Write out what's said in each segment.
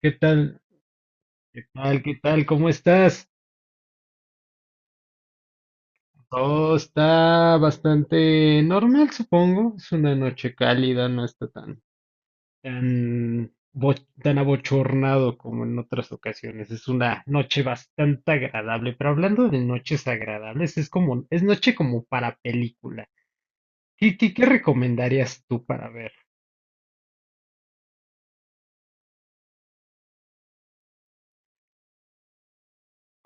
¿Qué tal? ¿Qué tal? ¿Qué tal? ¿Cómo estás? Todo está bastante normal, supongo. Es una noche cálida, no está tan, bo- tan abochornado como en otras ocasiones. Es una noche bastante agradable. Pero hablando de noches agradables, es como, es noche como para película. ¿Qué recomendarías tú para ver?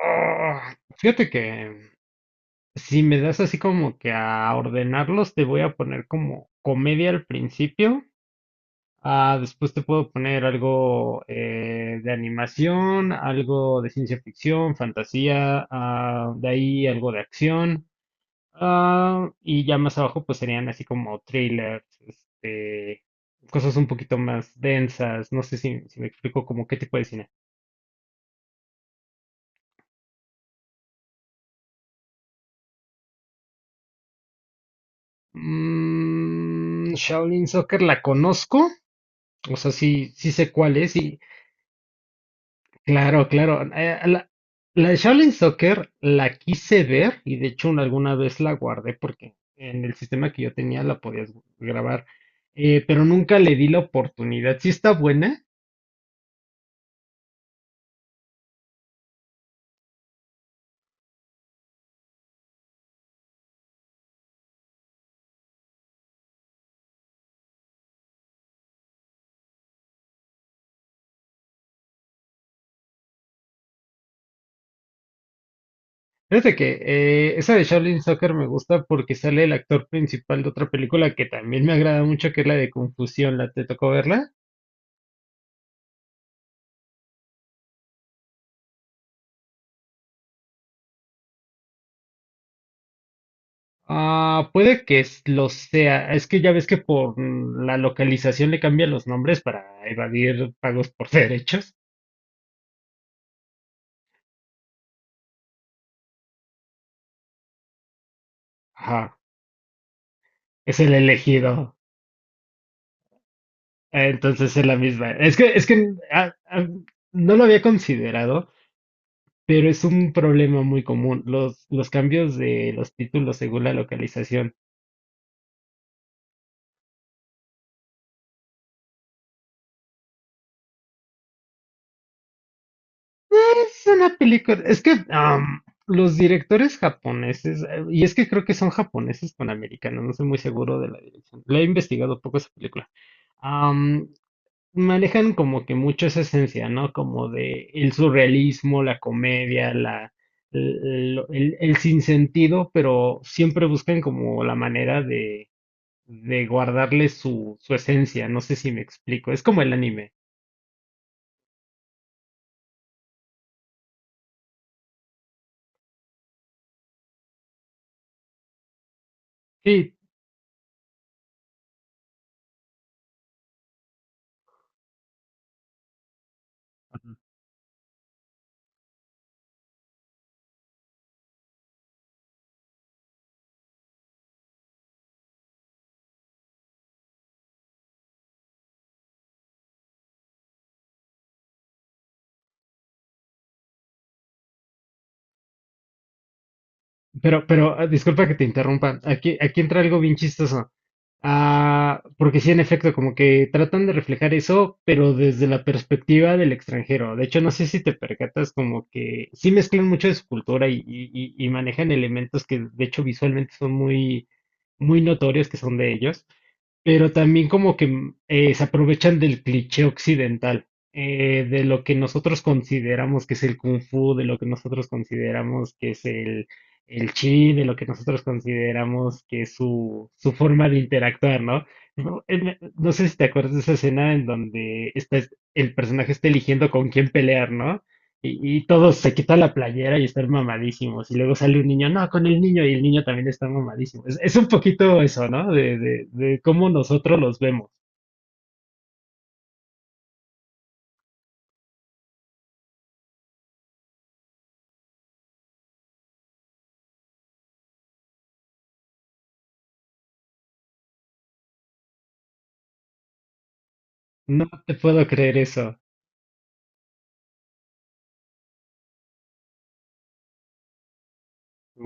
Fíjate que si me das así como que a ordenarlos, te voy a poner como comedia al principio. Ah, después te puedo poner algo de animación, algo de ciencia ficción, fantasía, ah, de ahí algo de acción. Y ya más abajo pues serían así como trailers, cosas un poquito más densas. No sé si me explico como qué tipo de cine. Mm, Shaolin Soccer la conozco, o sea, sí, sí sé cuál es. Y claro, claro. La de Shaolin Soccer la quise ver y de hecho alguna vez la guardé porque en el sistema que yo tenía la podías grabar, pero nunca le di la oportunidad. Sí está buena. Fíjate que esa de Shaolin Soccer me gusta porque sale el actor principal de otra película que también me agrada mucho, que es la de Confusión. ¿La te tocó verla? Ah, puede que lo sea. Es que ya ves que por la localización le cambian los nombres para evadir pagos por derechos. Ajá. Es el elegido. Entonces es la misma. Es que ah, ah, No lo había considerado, pero es un problema muy común. Los cambios de los títulos según la localización. Es una película. Es que los directores japoneses, y es que creo que son japoneses con americanos, no estoy muy seguro de la dirección. La he investigado poco esa película. Manejan como que mucho esa esencia, ¿no? Como de el surrealismo, la comedia, el sinsentido, pero siempre buscan como la manera de guardarle su, su esencia, no sé si me explico, es como el anime. Sí, pero, ah, disculpa que te interrumpa. Aquí entra algo bien chistoso. Ah, porque sí, en efecto, como que tratan de reflejar eso, pero desde la perspectiva del extranjero. De hecho, no sé si te percatas, como que sí mezclan mucho de su cultura y manejan elementos que, de hecho, visualmente son muy notorios que son de ellos. Pero también como que se aprovechan del cliché occidental, de lo que nosotros consideramos que es el kung fu, de lo que nosotros consideramos que es el chi, de lo que nosotros consideramos que es su, su forma de interactuar, ¿no? No, no sé si te acuerdas de esa escena en donde está, el personaje está eligiendo con quién pelear, ¿no? Y todos se quitan la playera y están mamadísimos. Y luego sale un niño, no, con el niño, y el niño también está mamadísimo. Es un poquito eso, ¿no? De cómo nosotros los vemos. No te puedo creer eso.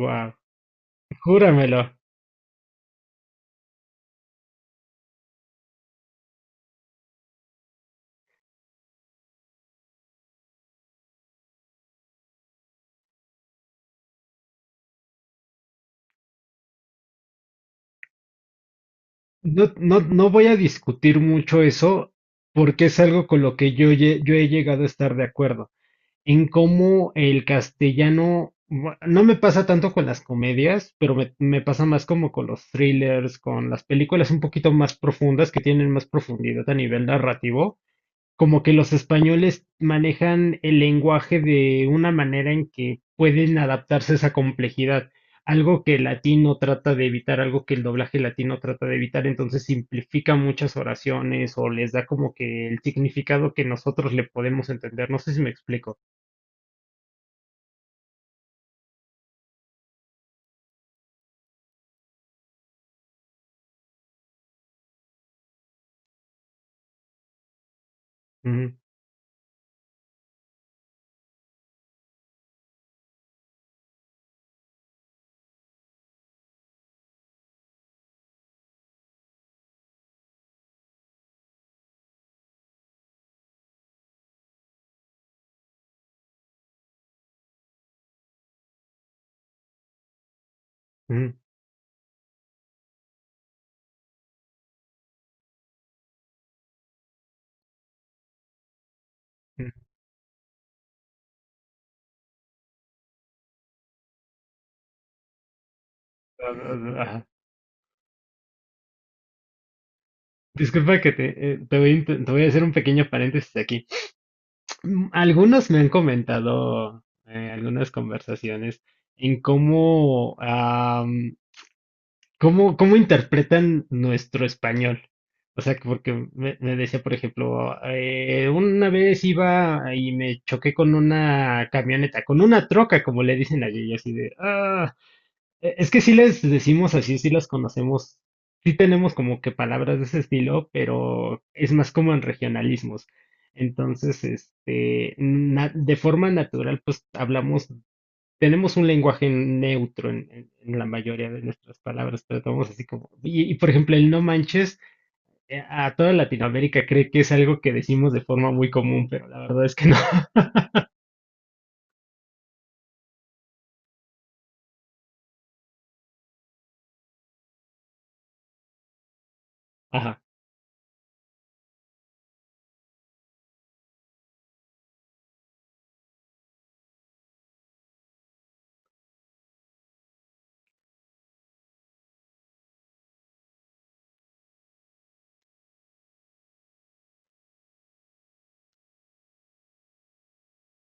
Wow, júramelo. No, no, no voy a discutir mucho eso porque es algo con lo que yo he llegado a estar de acuerdo. En cómo el castellano, no me pasa tanto con las comedias, pero me pasa más como con los thrillers, con las películas un poquito más profundas, que tienen más profundidad a nivel narrativo, como que los españoles manejan el lenguaje de una manera en que pueden adaptarse a esa complejidad. Algo que el latino trata de evitar, algo que el doblaje latino trata de evitar, entonces simplifica muchas oraciones o les da como que el significado que nosotros le podemos entender. No sé si me explico. Ujú, ujú, ujú. Ah, ah, ah, ajá. Disculpa que te, te voy, a inte- Te voy a hacer un pequeño paréntesis aquí. Mm, algunos me han comentado algunas conversaciones en cómo, cómo interpretan nuestro español. O sea, que porque me decía, por ejemplo, una vez iba y me choqué con una camioneta, con una troca, como le dicen allí, y así de, ah, es que sí les decimos así, sí las conocemos, sí tenemos como que palabras de ese estilo, pero es más como en regionalismos. Entonces, de forma natural, pues hablamos, tenemos un lenguaje neutro en la mayoría de nuestras palabras, tratamos así como, y, por ejemplo, el no manches, a toda Latinoamérica cree que es algo que decimos de forma muy común, pero la verdad es que no. Ajá,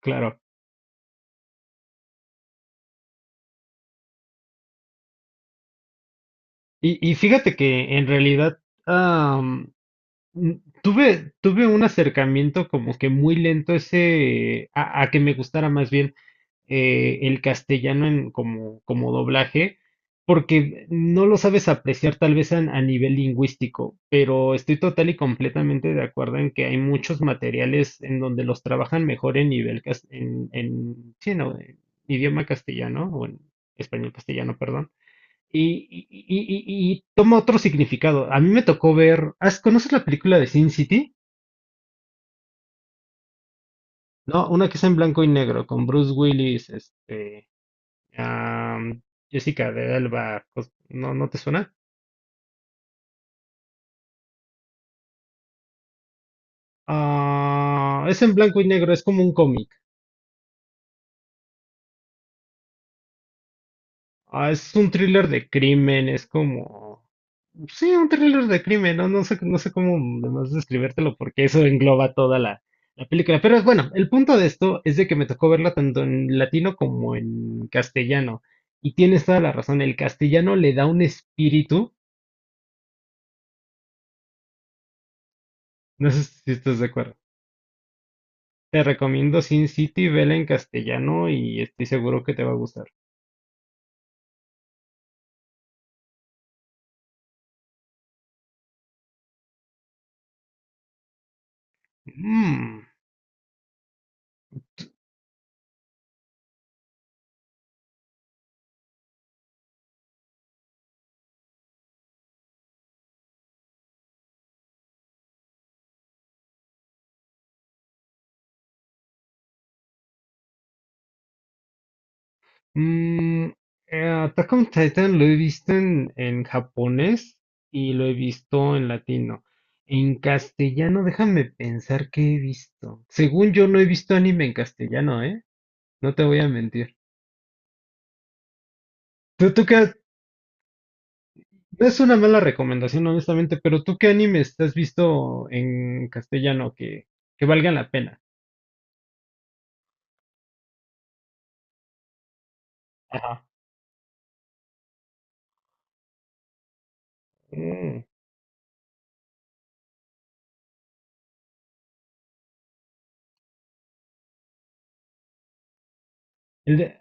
claro. Y fíjate que en realidad, mm, tuve un acercamiento como que muy lento ese, a que me gustara más bien el castellano como doblaje, porque no lo sabes apreciar tal vez a nivel lingüístico, pero estoy total y completamente de acuerdo en que hay muchos materiales en donde los trabajan mejor en nivel, cas- en, sí, no, en idioma castellano o en español castellano, perdón. Y toma otro significado. A mí me tocó ver, ¿conoces la película de Sin City? No, una que es en blanco y negro, con Bruce Willis, am, Jessica de Alba, ¿no, no te suena? Ah, es en blanco y negro, es como un cómic. Ah, es un thriller de crimen, es como... Sí, un thriller de crimen, ¿no? No sé, no sé cómo más describírtelo porque eso engloba toda la, la película. Pero bueno, el punto de esto es de que me tocó verla tanto en latino como en castellano. Y tienes toda la razón, el castellano le da un espíritu, no sé si estás de acuerdo. Te recomiendo Sin City, vela en castellano y estoy seguro que te va a gustar. Mm. Mm, Attack on Titan lo he visto en japonés y lo he visto en latino. En castellano, déjame pensar qué he visto. Según yo, no he visto anime en castellano, ¿eh? No te voy a mentir. ¿Tú, tú qué- No es una mala recomendación, honestamente, pero ¿tú qué animes has visto en castellano que valgan la pena? Ajá. Mm. El de-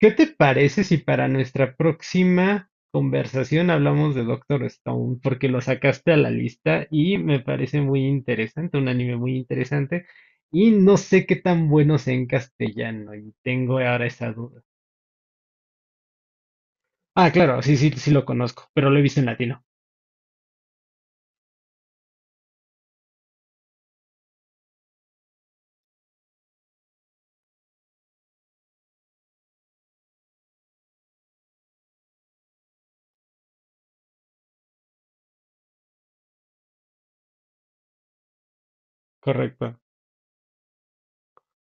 ¿Qué te parece si para nuestra próxima conversación hablamos de Doctor Stone? Porque lo sacaste a la lista y me parece muy interesante, un anime muy interesante. Y no sé qué tan bueno sea en castellano y tengo ahora esa duda. Ah, claro, sí, sí, sí lo conozco, pero lo he visto en latino. Correcto.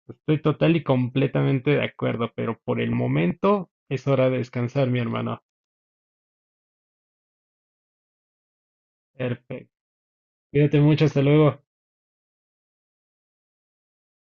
Estoy total y completamente de acuerdo, pero por el momento es hora de descansar, mi hermano. Perfecto. Cuídate mucho, hasta luego.